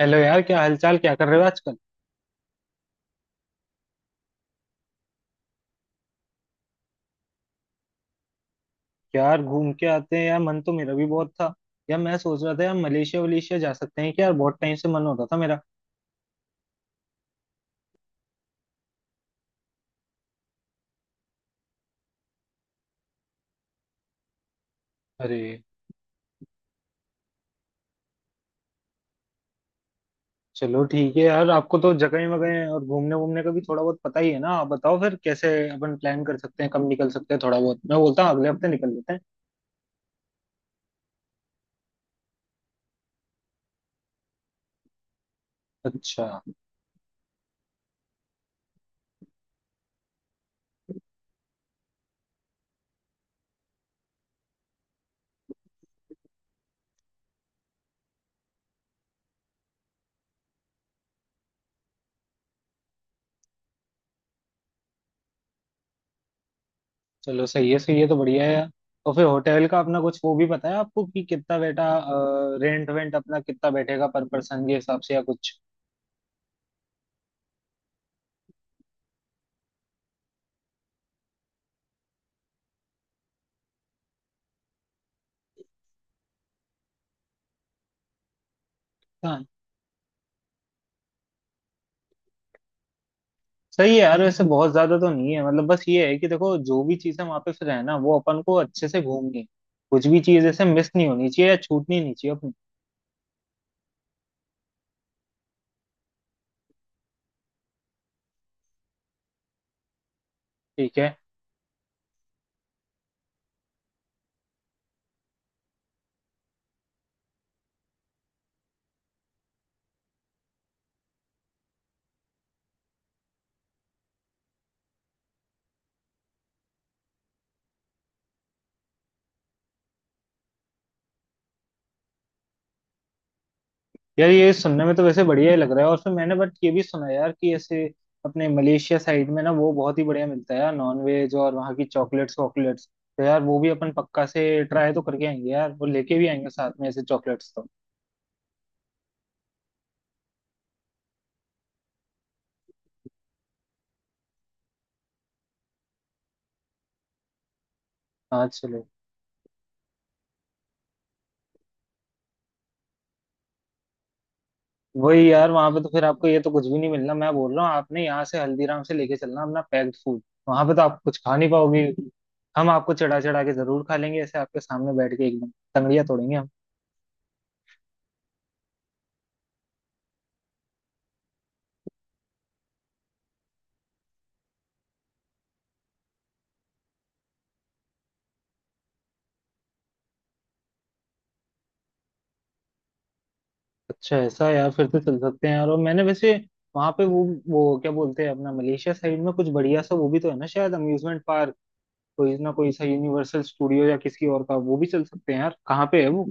Hello यार, क्या हालचाल? क्या कर रहे हो आजकल? यार घूम के आते हैं, यार मन तो मेरा भी बहुत था। यार मैं सोच रहा था, यार मलेशिया वलेशिया जा सकते हैं क्या यार? बहुत टाइम से मन हो रहा था मेरा। अरे, चलो ठीक है यार। आपको तो जगह वगैरह और घूमने वूमने का भी थोड़ा बहुत पता ही है ना। आप बताओ फिर कैसे अपन प्लान कर सकते हैं, कब निकल सकते हैं। थोड़ा बहुत मैं बोलता हूँ अगले हफ्ते निकल लेते हैं। अच्छा, चलो सही है, सही है तो। बढ़िया है यार। और फिर होटल का अपना कुछ वो भी पता है आपको कि कितना बेटा रेंट वेंट अपना कितना बैठेगा पर पर्सन के हिसाब से या कुछ? सही है यार, वैसे बहुत ज्यादा तो नहीं है। मतलब बस ये है कि देखो, जो भी चीजें वहां पे फिर है ना, वो अपन को अच्छे से घूमनी है। कुछ भी चीज ऐसे मिस नहीं होनी चाहिए या छूटनी नहीं चाहिए अपनी। ठीक है। यार ये सुनने में तो वैसे बढ़िया ही लग रहा है। और फिर मैंने बट ये भी सुना यार कि ऐसे अपने मलेशिया साइड में ना वो बहुत ही बढ़िया मिलता है यार, नॉन वेज। और वहाँ की चॉकलेट्स वॉकलेट्स, तो यार वो भी अपन पक्का से ट्राई तो करके आएंगे यार। वो लेके भी आएंगे साथ में ऐसे चॉकलेट्स तो। हाँ, चलो। वही यार, वहां पे तो फिर आपको ये तो कुछ भी नहीं मिलना। मैं बोल रहा हूँ आपने यहाँ से हल्दीराम से लेके चलना अपना पैक्ड फूड। वहां पे तो आप कुछ खा नहीं पाओगे। हम आपको चढ़ा चढ़ा के जरूर खा लेंगे ऐसे आपके सामने बैठ के एकदम। तंगड़िया तोड़ेंगे हम। अच्छा ऐसा है, यार फिर तो चल सकते हैं यार। और मैंने वैसे वहां पे वो क्या बोलते हैं अपना मलेशिया साइड में कुछ बढ़िया सा वो भी तो है ना शायद, अम्यूजमेंट पार्क। कोई ना कोई सा यूनिवर्सल स्टूडियो या किसी और का, वो भी चल सकते हैं यार। कहाँ पे है वो?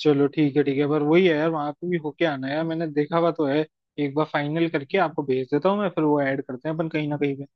चलो ठीक है, ठीक है। पर वही है यार, वहां पे भी होके आना है यार, मैंने देखा हुआ तो है। एक बार फाइनल करके आपको भेज देता हूँ मैं, फिर वो ऐड करते हैं अपन कहीं ना कहीं पे।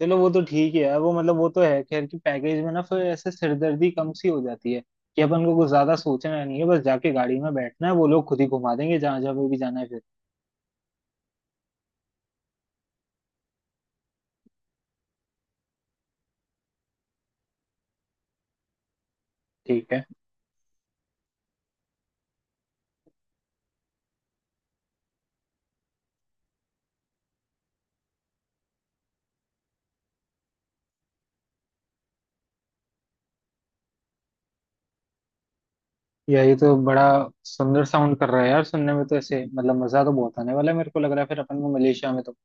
चलो वो तो ठीक है यार। वो मतलब वो तो है खैर कि पैकेज में ना फिर ऐसे सिरदर्दी कम सी हो जाती है। कि अपन को कुछ ज्यादा सोचना नहीं है, बस जाके गाड़ी में बैठना है, वो लोग खुद ही घुमा देंगे जहां जहाँ पे भी जाना है फिर। ठीक है। यार ये तो बड़ा सुंदर साउंड कर रहा है यार सुनने में तो। ऐसे मतलब मजा तो बहुत आने वाला है, मेरे को लग रहा है फिर अपन को मलेशिया में तो।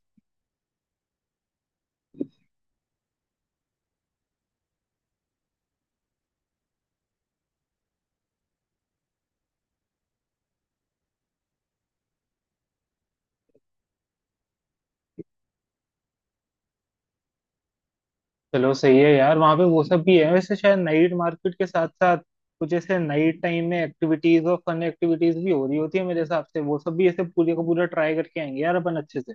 चलो सही है यार। वहाँ पे वो सब भी है वैसे शायद नाइट मार्केट के साथ साथ कुछ ऐसे नाइट टाइम में एक्टिविटीज और फन एक्टिविटीज भी हो रही होती है मेरे हिसाब से। वो सब भी ऐसे पूरे का पूरा ट्राई करके आएंगे यार अपन अच्छे से।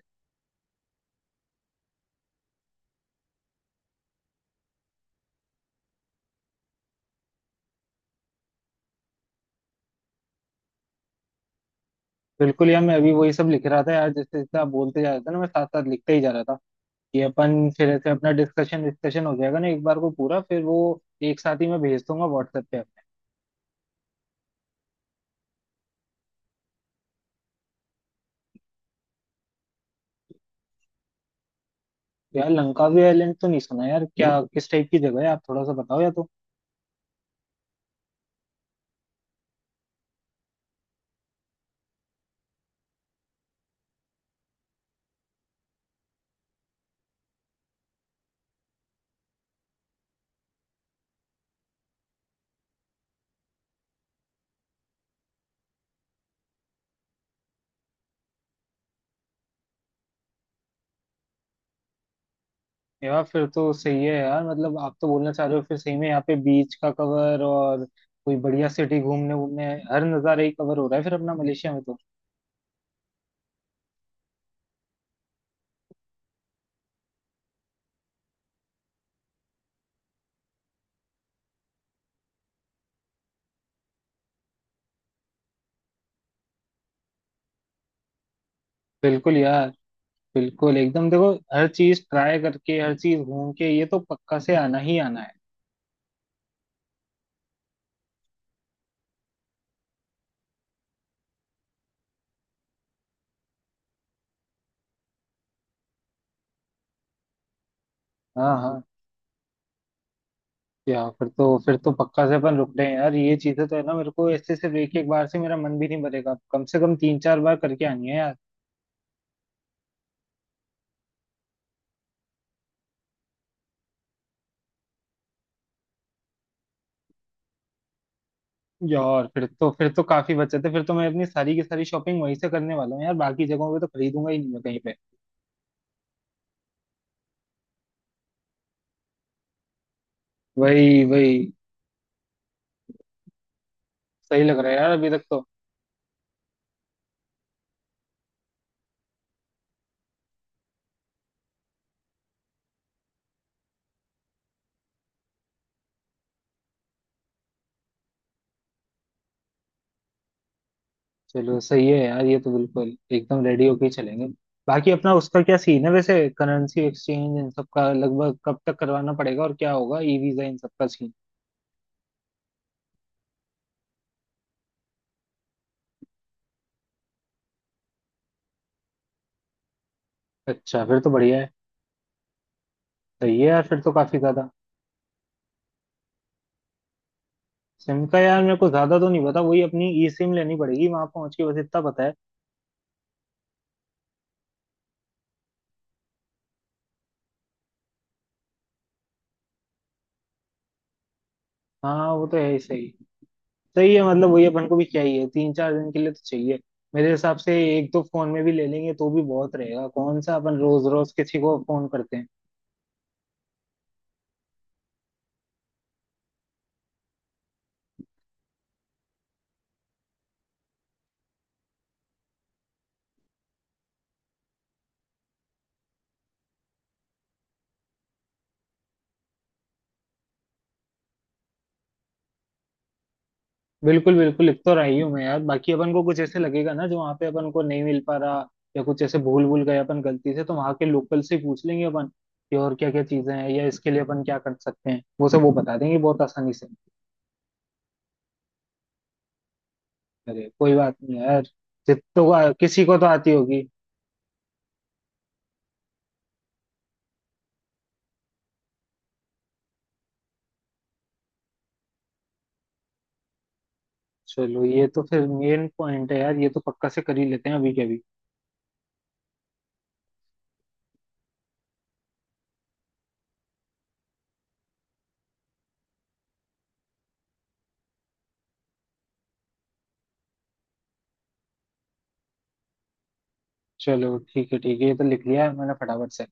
बिल्कुल यार, मैं अभी वही सब लिख रहा था यार। जैसे जैसे आप बोलते जा रहे थे ना, मैं साथ साथ लिखते ही जा रहा था। ये अपन फिर ऐसे अपना डिस्कशन डिस्कशन हो जाएगा ना एक बार को पूरा फिर वो। एक साथ ही मैं भेज दूंगा व्हाट्सएप पे अपने। यार लंकावी आइलैंड तो नहीं सुना यार। क्या किस टाइप की जगह है, आप थोड़ा सा बताओ या तो। यार फिर तो सही है यार। मतलब आप तो बोलना चाह रहे हो फिर सही में यहाँ पे बीच का कवर और कोई बढ़िया सिटी घूमने घूमने, हर नज़ारा ही कवर हो रहा है फिर अपना मलेशिया में तो। बिल्कुल यार, बिल्कुल एकदम। देखो, हर चीज ट्राई करके हर चीज घूम के ये तो पक्का से आना ही आना है। हाँ हाँ, यार फिर तो, फिर तो पक्का से अपन रुक रहे हैं यार। ये चीजें तो है ना, मेरे को ऐसे सिर्फ एक एक बार से मेरा मन भी नहीं भरेगा, कम से कम तीन चार बार करके आनी है यार। यार फिर तो, फिर तो काफी बचत है। फिर तो मैं अपनी सारी की सारी शॉपिंग वहीं से करने वाला हूँ यार, बाकी जगहों पे तो खरीदूंगा ही नहीं मैं कहीं पे। वही वही। सही लग रहा है यार अभी तक तो। चलो सही है यार, ये तो बिल्कुल एकदम रेडी होके ही चलेंगे। बाकी अपना उसका क्या सीन है वैसे, करेंसी एक्सचेंज इन सब का लगभग कब तक करवाना पड़ेगा? और क्या होगा ई वीजा इन सब का सीन? अच्छा, फिर तो बढ़िया है। सही है यार, फिर तो काफी ज्यादा। सिम का यार मेरे को ज्यादा तो नहीं पता, वही अपनी ई सिम लेनी पड़ेगी वहां पहुंच के, बस इतना पता है। हाँ, वो तो है ही सही। सही है, मतलब वही अपन को भी चाहिए, तीन चार दिन के लिए तो चाहिए मेरे हिसाब से। एक दो फोन में भी ले लेंगे तो भी बहुत रहेगा, कौन सा अपन रोज रोज किसी को फोन करते हैं। बिल्कुल बिल्कुल, लिख तो रही हूँ मैं यार। बाकी अपन को कुछ ऐसे लगेगा ना जो वहाँ पे अपन को नहीं मिल पा रहा, या कुछ ऐसे भूल भूल गए अपन गलती से, तो वहाँ के लोकल से ही पूछ लेंगे अपन। कि और क्या क्या चीजें हैं या इसके लिए अपन क्या कर सकते हैं, वो सब वो बता देंगे बहुत आसानी से। अरे कोई बात नहीं यार। जितनों को, किसी को तो आती होगी। चलो ये तो फिर मेन पॉइंट है यार, ये तो पक्का से कर ही लेते हैं अभी के अभी। चलो ठीक है, ठीक है, ये तो लिख लिया है मैंने फटाफट से।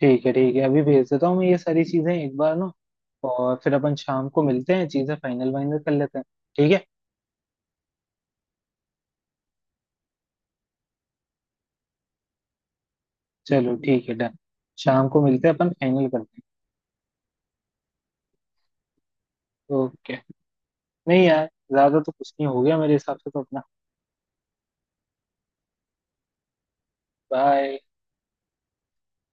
ठीक है, ठीक है, अभी भेज देता हूँ मैं ये सारी चीजें एक बार ना। और फिर अपन शाम को मिलते हैं, चीजें फाइनल वाइनल कर लेते हैं। ठीक है। चलो ठीक है, डन। शाम को मिलते हैं अपन फाइनल करते हैं। ओके, नहीं यार, ज्यादा तो कुछ नहीं हो गया मेरे हिसाब से तो अपना। बाय।